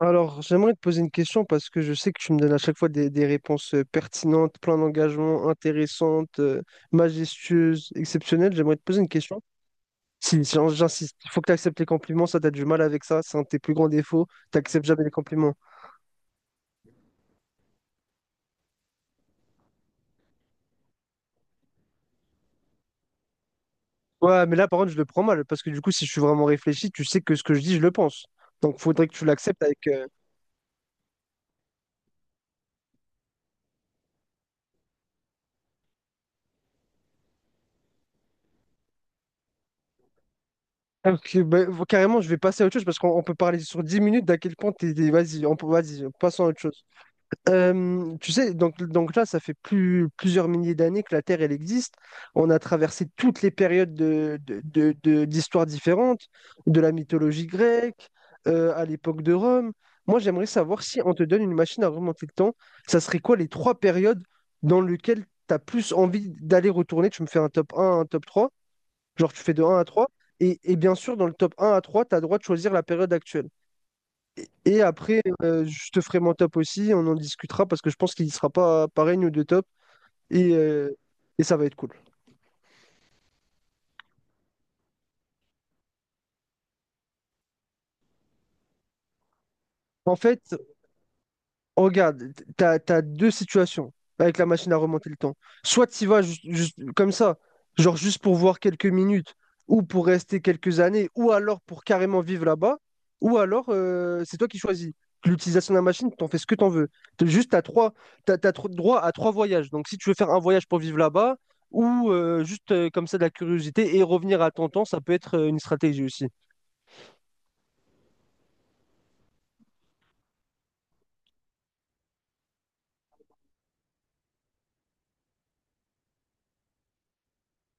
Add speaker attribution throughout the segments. Speaker 1: Alors, j'aimerais te poser une question parce que je sais que tu me donnes à chaque fois des réponses pertinentes, plein d'engagement, intéressantes, majestueuses, exceptionnelles. J'aimerais te poser une question. Si, j'insiste, il faut que tu acceptes les compliments, ça, t'as du mal avec ça, c'est un de tes plus grands défauts, t'acceptes jamais les compliments. Ouais, mais là, par contre, je le prends mal parce que du coup, si je suis vraiment réfléchi, tu sais que ce que je dis, je le pense. Donc, faudrait que tu l'acceptes avec. Bah, carrément, je vais passer à autre chose parce qu'on peut parler sur 10 minutes d'à quel point Vas-y, vas-y, passons à autre chose. Tu sais, donc là, ça fait plusieurs milliers d'années que la Terre, elle existe. On a traversé toutes les périodes d'histoires différentes, de la mythologie grecque, à l'époque de Rome. Moi, j'aimerais savoir si on te donne une machine à remonter le temps, ça serait quoi les trois périodes dans lesquelles tu as plus envie d'aller retourner? Tu me fais un top 3. Genre tu fais de un à 3. Et bien sûr, dans le top un à 3, tu as le droit de choisir la période actuelle. Et après, je te ferai mon top aussi, on en discutera parce que je pense qu'il ne sera pas pareil, nous deux top, et, euh, et ça va être cool. En fait, regarde, t'as deux situations avec la machine à remonter le temps. Soit tu vas juste comme ça, genre juste pour voir quelques minutes, ou pour rester quelques années, ou alors pour carrément vivre là-bas, ou alors c'est toi qui choisis. L'utilisation de la machine, t'en fais ce que t'en veux. T'as Juste, t'as trois, t'as, t'as tro- droit à trois voyages. Donc si tu veux faire un voyage pour vivre là-bas, ou juste comme ça de la curiosité et revenir à ton temps, ça peut être une stratégie aussi.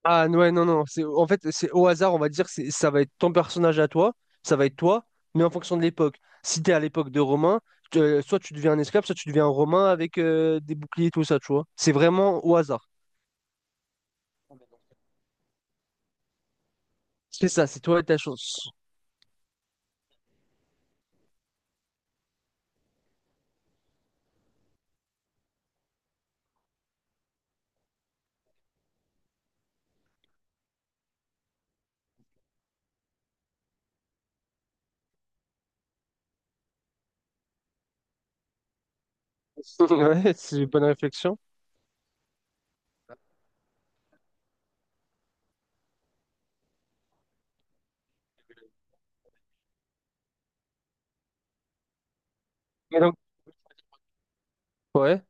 Speaker 1: Ouais, non, c'est en fait c'est au hasard, on va dire, c'est ça va être ton personnage à toi, ça va être toi, mais en fonction de l'époque. Si t'es à l'époque de Romain, soit tu deviens un esclave, soit tu deviens un Romain avec des boucliers et tout ça, tu vois. C'est vraiment au hasard. C'est ça, c'est toi et ta chance. Ouais, c'est une bonne réflexion. Mais donc, ouais.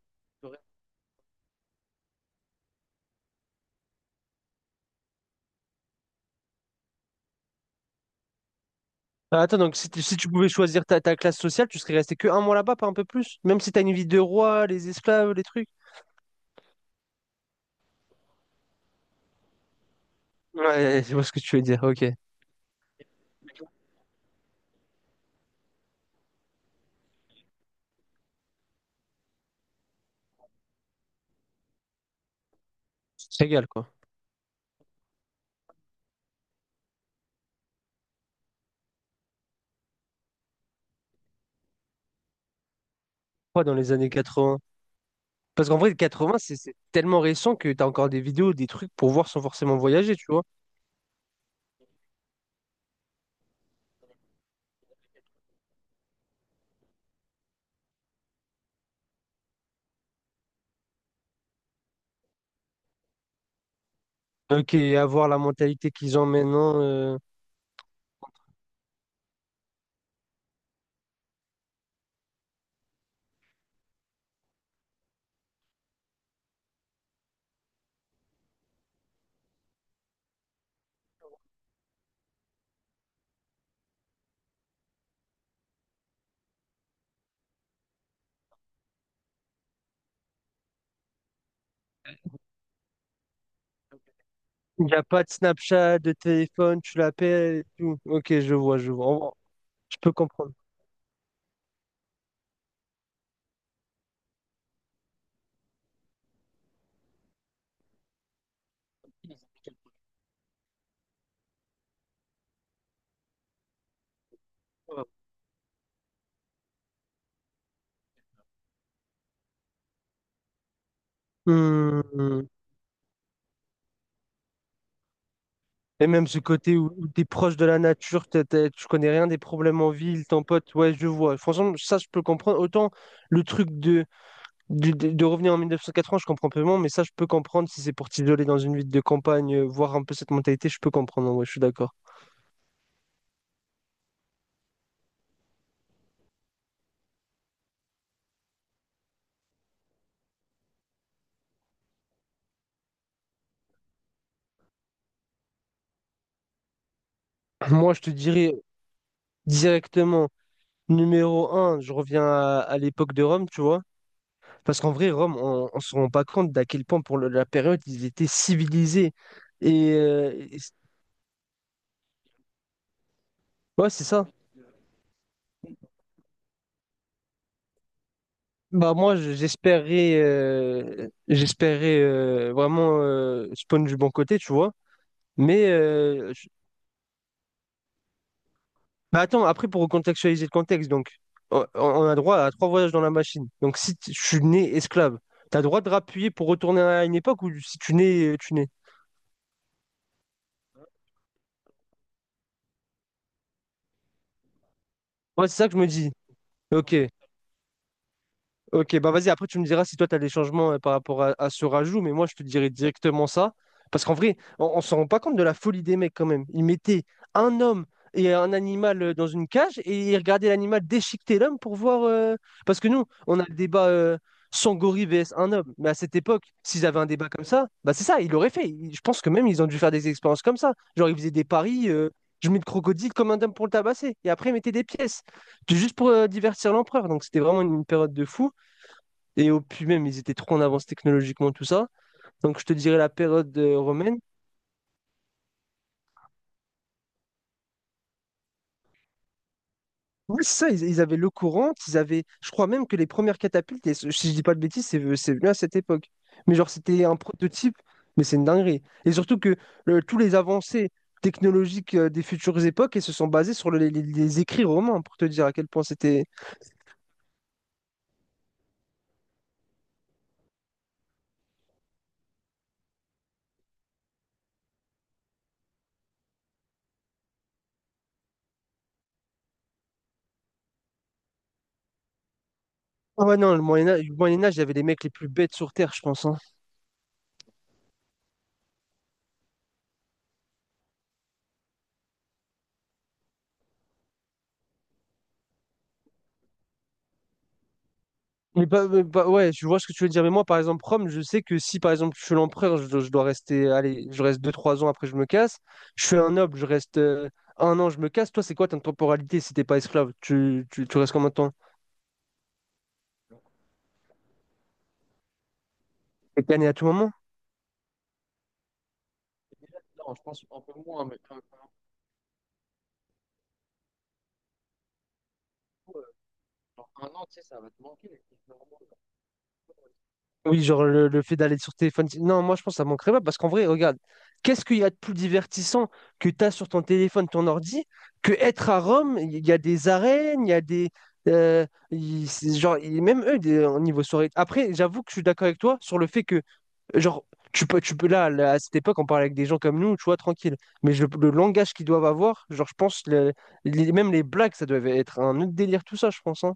Speaker 1: Ah, attends, donc si tu pouvais choisir ta classe sociale, tu serais resté que un mois là-bas, pas un peu plus? Même si t'as une vie de roi, les esclaves, les trucs. Ouais, je vois ce que tu veux dire, ok. C'est égal, quoi. Quoi, dans les années 80? Parce qu'en vrai, 80, c'est tellement récent que tu as encore des vidéos, des trucs pour voir sans forcément voyager, tu vois. Ok, avoir la mentalité qu'ils ont maintenant. Il n'y a pas de Snapchat, de téléphone, tu l'appelles et tout. Ok, je vois, je vois. Je peux comprendre. Hmm, hmm. Et même ce côté où, tu es proche de la nature, tu connais rien des problèmes en ville, ton pote, ouais, je vois. Franchement, ça, je peux comprendre. Autant le truc de de revenir en 1980, je comprends peu moins, mais ça, je peux comprendre si c'est pour t'isoler dans une ville de campagne, voir un peu cette mentalité, je peux comprendre, en vrai, je suis d'accord. Moi, je te dirais directement, numéro un je reviens à l'époque de Rome, tu vois, parce qu'en vrai, Rome, on ne se rend pas compte d'à quel point, pour la période, ils étaient civilisés. Et euh, et- ouais, c'est ça. Bah, j'espérais vraiment spawn du bon côté, tu vois. Mais euh, Bah attends, après, pour recontextualiser le contexte, donc, on a droit à trois voyages dans la machine. Donc, si t- je suis né esclave, t'as droit de rappuyer pour retourner à une époque ou si tu nais, tu nais. Ouais, c'est ça que je me dis. Ok. Ok, bah vas-y, après tu me diras si toi tu as des changements par rapport à ce rajout, mais moi je te dirais directement ça. Parce qu'en vrai, on ne se rend pas compte de la folie des mecs quand même. Ils mettaient un homme et un animal dans une cage et ils regardaient l'animal déchiqueter l'homme pour voir. Parce que nous, on a le débat Sangori vs un homme. Mais à cette époque, s'ils avaient un débat comme ça, bah c'est ça, ils l'auraient fait. Je pense que même ils ont dû faire des expériences comme ça. Genre ils faisaient des paris, je mets le crocodile comme un homme pour le tabasser. Et après ils mettaient des pièces. Juste pour divertir l'empereur. Donc c'était vraiment une période de fou. Et au puis même, ils étaient trop en avance technologiquement, tout ça. Donc je te dirais la période romaine. Oui, c'est ça, ils avaient l'eau courante, ils avaient, je crois même que les premières catapultes, et si je dis pas de bêtises, c'est venu à cette époque. Mais genre, c'était un prototype, mais c'est une dinguerie. Et surtout que tous les avancées technologiques des futures époques, elles se sont basées sur les écrits romains, pour te dire à quel point c'était... Ah ouais, non, le Moyen Âge, il y avait les mecs les plus bêtes sur Terre, je pense, hein. Ouais, je vois ce que tu veux dire. Mais moi, par exemple, Rome, je sais que si, par exemple, je suis l'empereur, je dois rester, allez, je reste deux trois ans après, je me casse. Je suis un noble, je reste un an, je me casse. Toi, c'est quoi ta temporalité si t'es pas esclave? Tu restes combien de temps? T'es gagné à tout moment? Oui, genre le fait d'aller sur téléphone. Non, moi je pense que ça manquerait pas parce qu'en vrai, regarde, qu'est-ce qu'il y a de plus divertissant que tu as sur ton téléphone, ton ordi, que être à Rome, il y a des arènes, il y a des. euh, Même eux, au niveau soirée. Après, j'avoue que je suis d'accord avec toi sur le fait que, genre, tu peux là, à cette époque, on parlait avec des gens comme nous, tu vois, tranquille. Le langage qu'ils doivent avoir, genre, je pense, même les blagues, ça devait être un autre délire, tout ça, je pense, hein.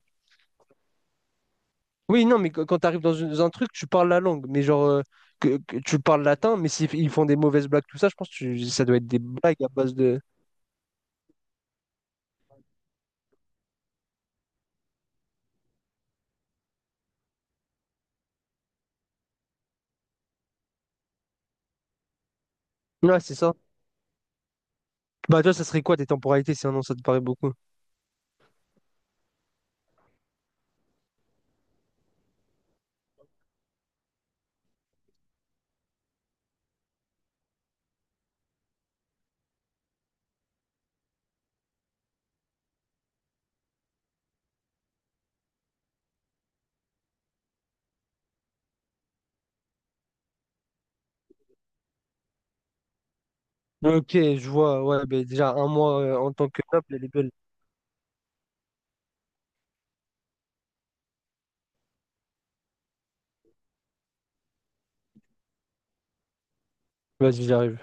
Speaker 1: Oui, non, quand tu arrives dans un truc, tu parles la langue, mais genre, que tu parles latin, mais s'ils ils font des mauvaises blagues, tout ça, je pense que ça doit être des blagues à base de... Ouais, c'est ça. Bah, toi, ça serait quoi tes temporalités, sinon ça te paraît beaucoup? Ok, je vois, ouais, mais déjà, un mois en tant que noble, elle est belle. Vas-y, j'arrive.